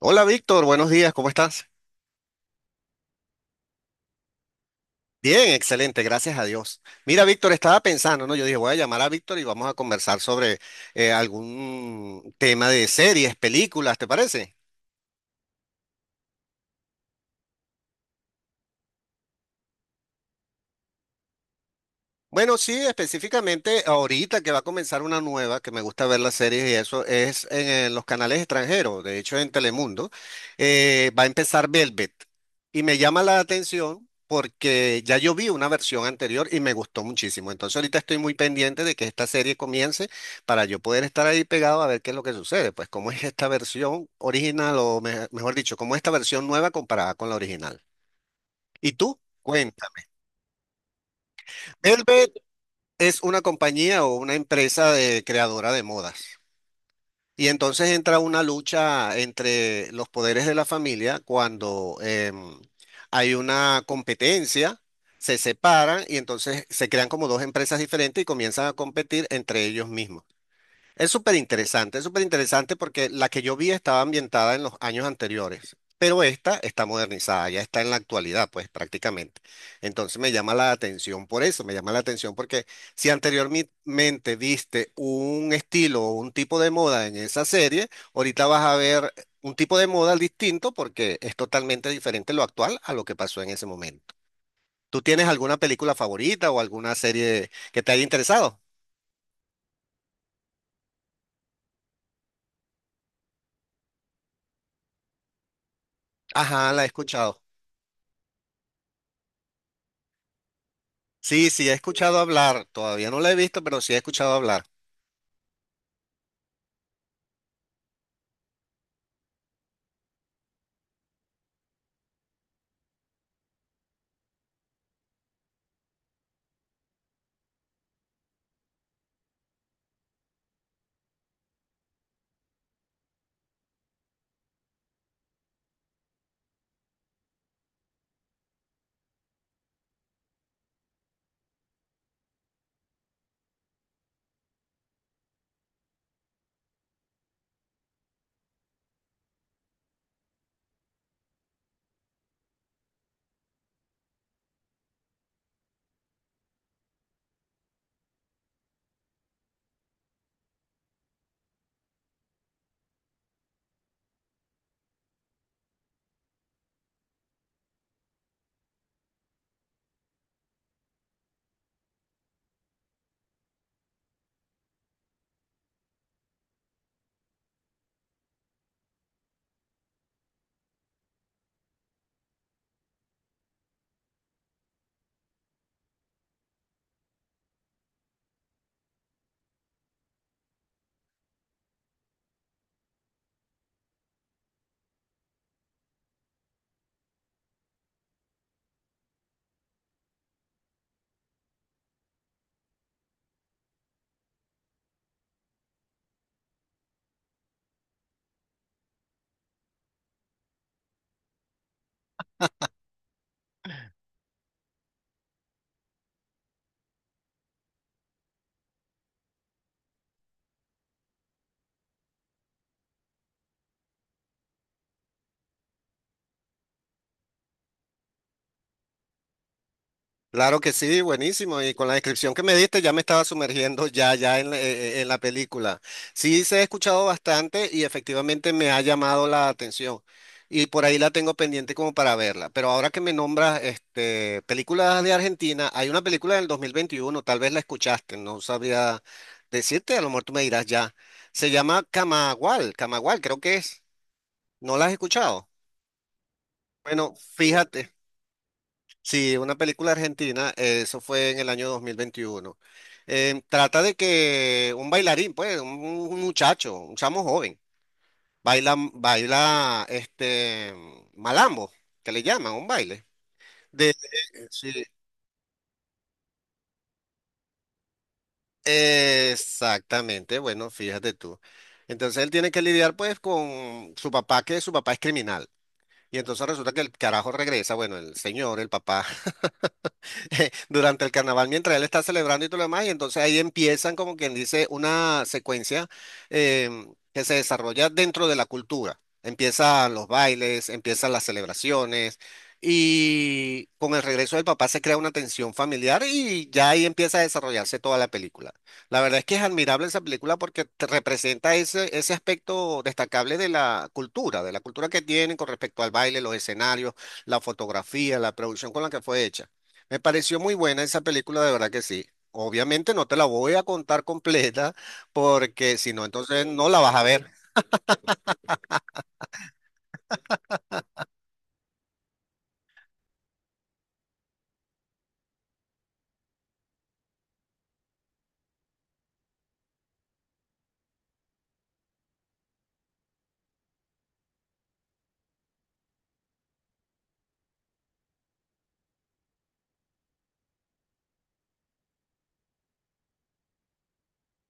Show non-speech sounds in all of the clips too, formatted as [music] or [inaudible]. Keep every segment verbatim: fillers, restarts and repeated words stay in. Hola Víctor, buenos días, ¿cómo estás? Bien, excelente, gracias a Dios. Mira, Víctor, estaba pensando, ¿no? Yo dije, voy a llamar a Víctor y vamos a conversar sobre eh, algún tema de series, películas, ¿te parece? Bueno, sí, específicamente ahorita que va a comenzar una nueva, que me gusta ver las series y eso, es en, eh, los canales extranjeros, de hecho en Telemundo, eh, va a empezar Velvet. Y me llama la atención porque ya yo vi una versión anterior y me gustó muchísimo. Entonces ahorita estoy muy pendiente de que esta serie comience para yo poder estar ahí pegado a ver qué es lo que sucede, pues cómo es esta versión original o me- mejor dicho, cómo es esta versión nueva comparada con la original. ¿Y tú? Cuéntame. Velvet es una compañía o una empresa de creadora de modas. Y entonces entra una lucha entre los poderes de la familia cuando em, hay una competencia, se separan y entonces se crean como dos empresas diferentes y comienzan a competir entre ellos mismos. Es súper interesante, es súper interesante porque la que yo vi estaba ambientada en los años anteriores, pero esta está modernizada, ya está en la actualidad, pues prácticamente. Entonces me llama la atención por eso, me llama la atención porque si anteriormente viste un estilo o un tipo de moda en esa serie, ahorita vas a ver un tipo de moda distinto porque es totalmente diferente lo actual a lo que pasó en ese momento. ¿Tú tienes alguna película favorita o alguna serie que te haya interesado? Ajá, la he escuchado. Sí, sí, he escuchado hablar, todavía no la he visto, pero sí he escuchado hablar. Claro que sí, buenísimo. Y con la descripción que me diste ya me estaba sumergiendo ya, ya en la, eh, eh, en la película. Sí, se ha escuchado bastante y efectivamente me ha llamado la atención. Y por ahí la tengo pendiente como para verla. Pero ahora que me nombras este, películas de Argentina, hay una película del dos mil veintiuno. Tal vez la escuchaste, no sabría decirte, a lo mejor tú me dirás ya. Se llama Camagual, Camagual creo que es. ¿No la has escuchado? Bueno, fíjate. Sí, una película argentina, eh, eso fue en el año dos mil veintiuno. Em, trata de que un bailarín, pues, un, un muchacho, un chamo joven, baila, baila este malambo, que le llaman, un baile. De, sí, exactamente, bueno, fíjate tú. Entonces él tiene que lidiar pues con su papá, que su papá es criminal. Y entonces resulta que el carajo regresa, bueno, el señor, el papá [laughs] durante el carnaval mientras él está celebrando y todo lo demás, y entonces ahí empiezan como quien dice una secuencia em, que se desarrolla dentro de la cultura. Empiezan los bailes, empiezan las celebraciones y con el regreso del papá se crea una tensión familiar y ya ahí empieza a desarrollarse toda la película. La verdad es que es admirable esa película porque te representa ese, ese aspecto destacable de la cultura, de la cultura que tienen con respecto al baile, los escenarios, la fotografía, la producción con la que fue hecha. Me pareció muy buena esa película, de verdad que sí. Obviamente no te la voy a contar completa porque si no, entonces no la vas a ver.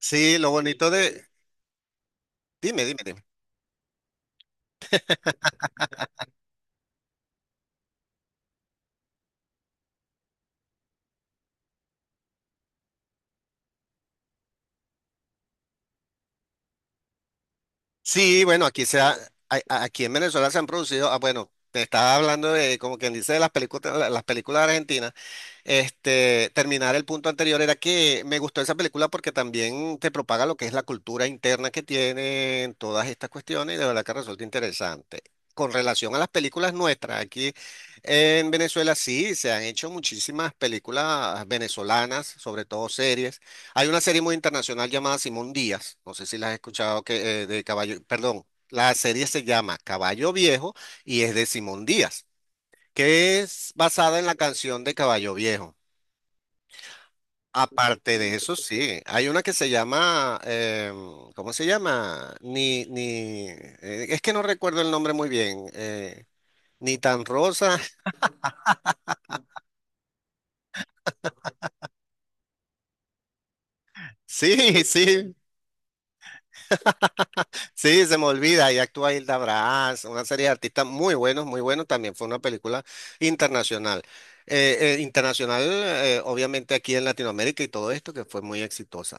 Sí, lo bonito de... Dime, dime, dime. Sí, bueno, aquí se ha- a- a- aquí en Venezuela se han producido, ah, bueno, te estaba hablando de, como quien dice, de las películas, la- las películas argentinas. Este, terminar el punto anterior era que me gustó esa película porque también te propaga lo que es la cultura interna que tienen todas estas cuestiones y de verdad que resulta interesante. Con relación a las películas nuestras, aquí en Venezuela sí se han hecho muchísimas películas venezolanas, sobre todo series. Hay una serie muy internacional llamada Simón Díaz, no sé si la has escuchado, que, eh, de Caballo, perdón, la serie se llama Caballo Viejo y es de Simón Díaz, que es basada en la canción de Caballo Viejo. Aparte de eso, sí, hay una que se llama, em, ¿cómo se llama? Ni, ni, eh, es que no recuerdo el nombre muy bien, eh, ni tan rosa, [laughs] sí, sí, sí, se me olvida, y actúa Hilda Brás, una serie de artistas muy buenos, muy buenos, también fue una película internacional. Eh, eh, internacional, eh, obviamente aquí en Latinoamérica y todo esto, que fue muy exitosa.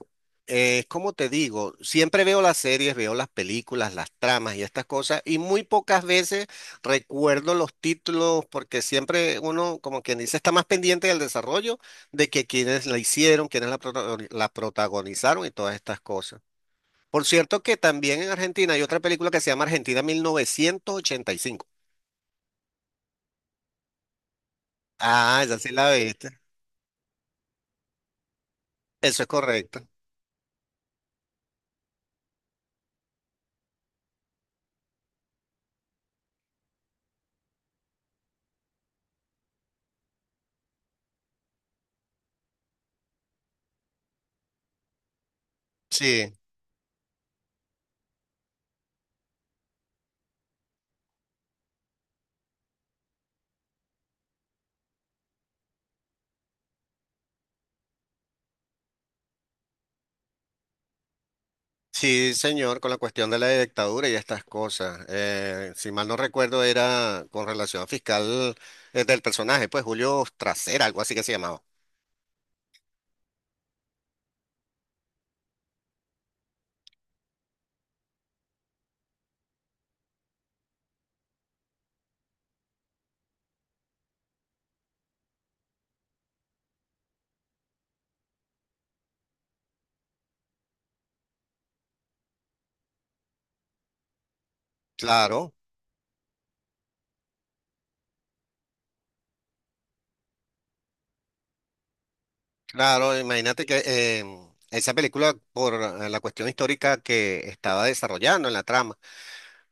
Eh, como te digo, siempre veo las series, veo las películas, las tramas y estas cosas, y muy pocas veces recuerdo los títulos, porque siempre uno, como quien dice, está más pendiente del desarrollo de que quienes la hicieron, quienes la protago- la protagonizaron y todas estas cosas. Por cierto que también en Argentina hay otra película que se llama Argentina mil novecientos ochenta y cinco. Ah, esa sí la viste. Eso es correcto. Sí, sí, señor, con la cuestión de la dictadura y estas cosas. Eh, si mal no recuerdo, era con relación a fiscal eh, del personaje, pues Julio Trasera, algo así que se llamaba. Claro, claro, imagínate que em, esa película, por eh, la cuestión histórica que estaba desarrollando en la trama,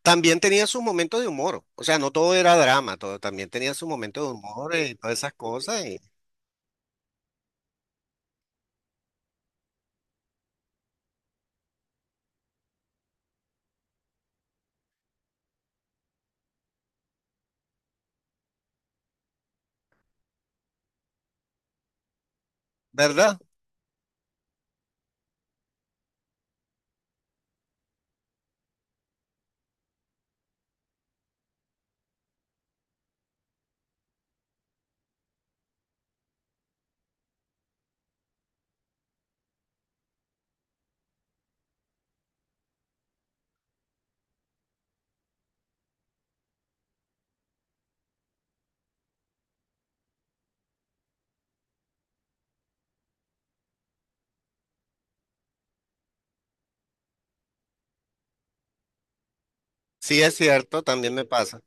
también tenía sus momentos de humor, o sea, no todo era drama, todo también tenía sus momentos de humor y todas esas cosas, y ¿verdad? Sí, es cierto, también me pasa.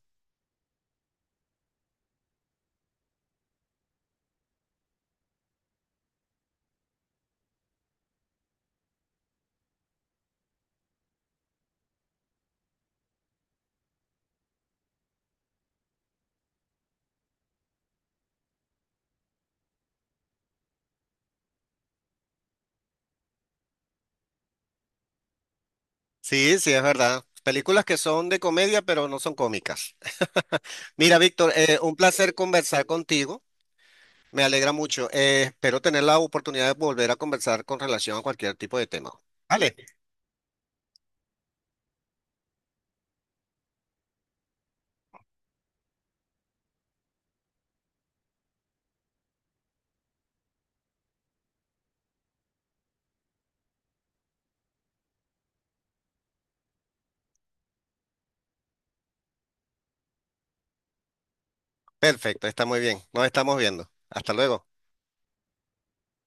Sí, sí, es verdad. Películas que son de comedia, pero no son cómicas. [laughs] Mira, Víctor, eh, un placer conversar contigo, me alegra mucho. eh, espero tener la oportunidad de volver a conversar con relación a cualquier tipo de tema. Vale, perfecto, está muy bien, nos estamos viendo. Hasta luego.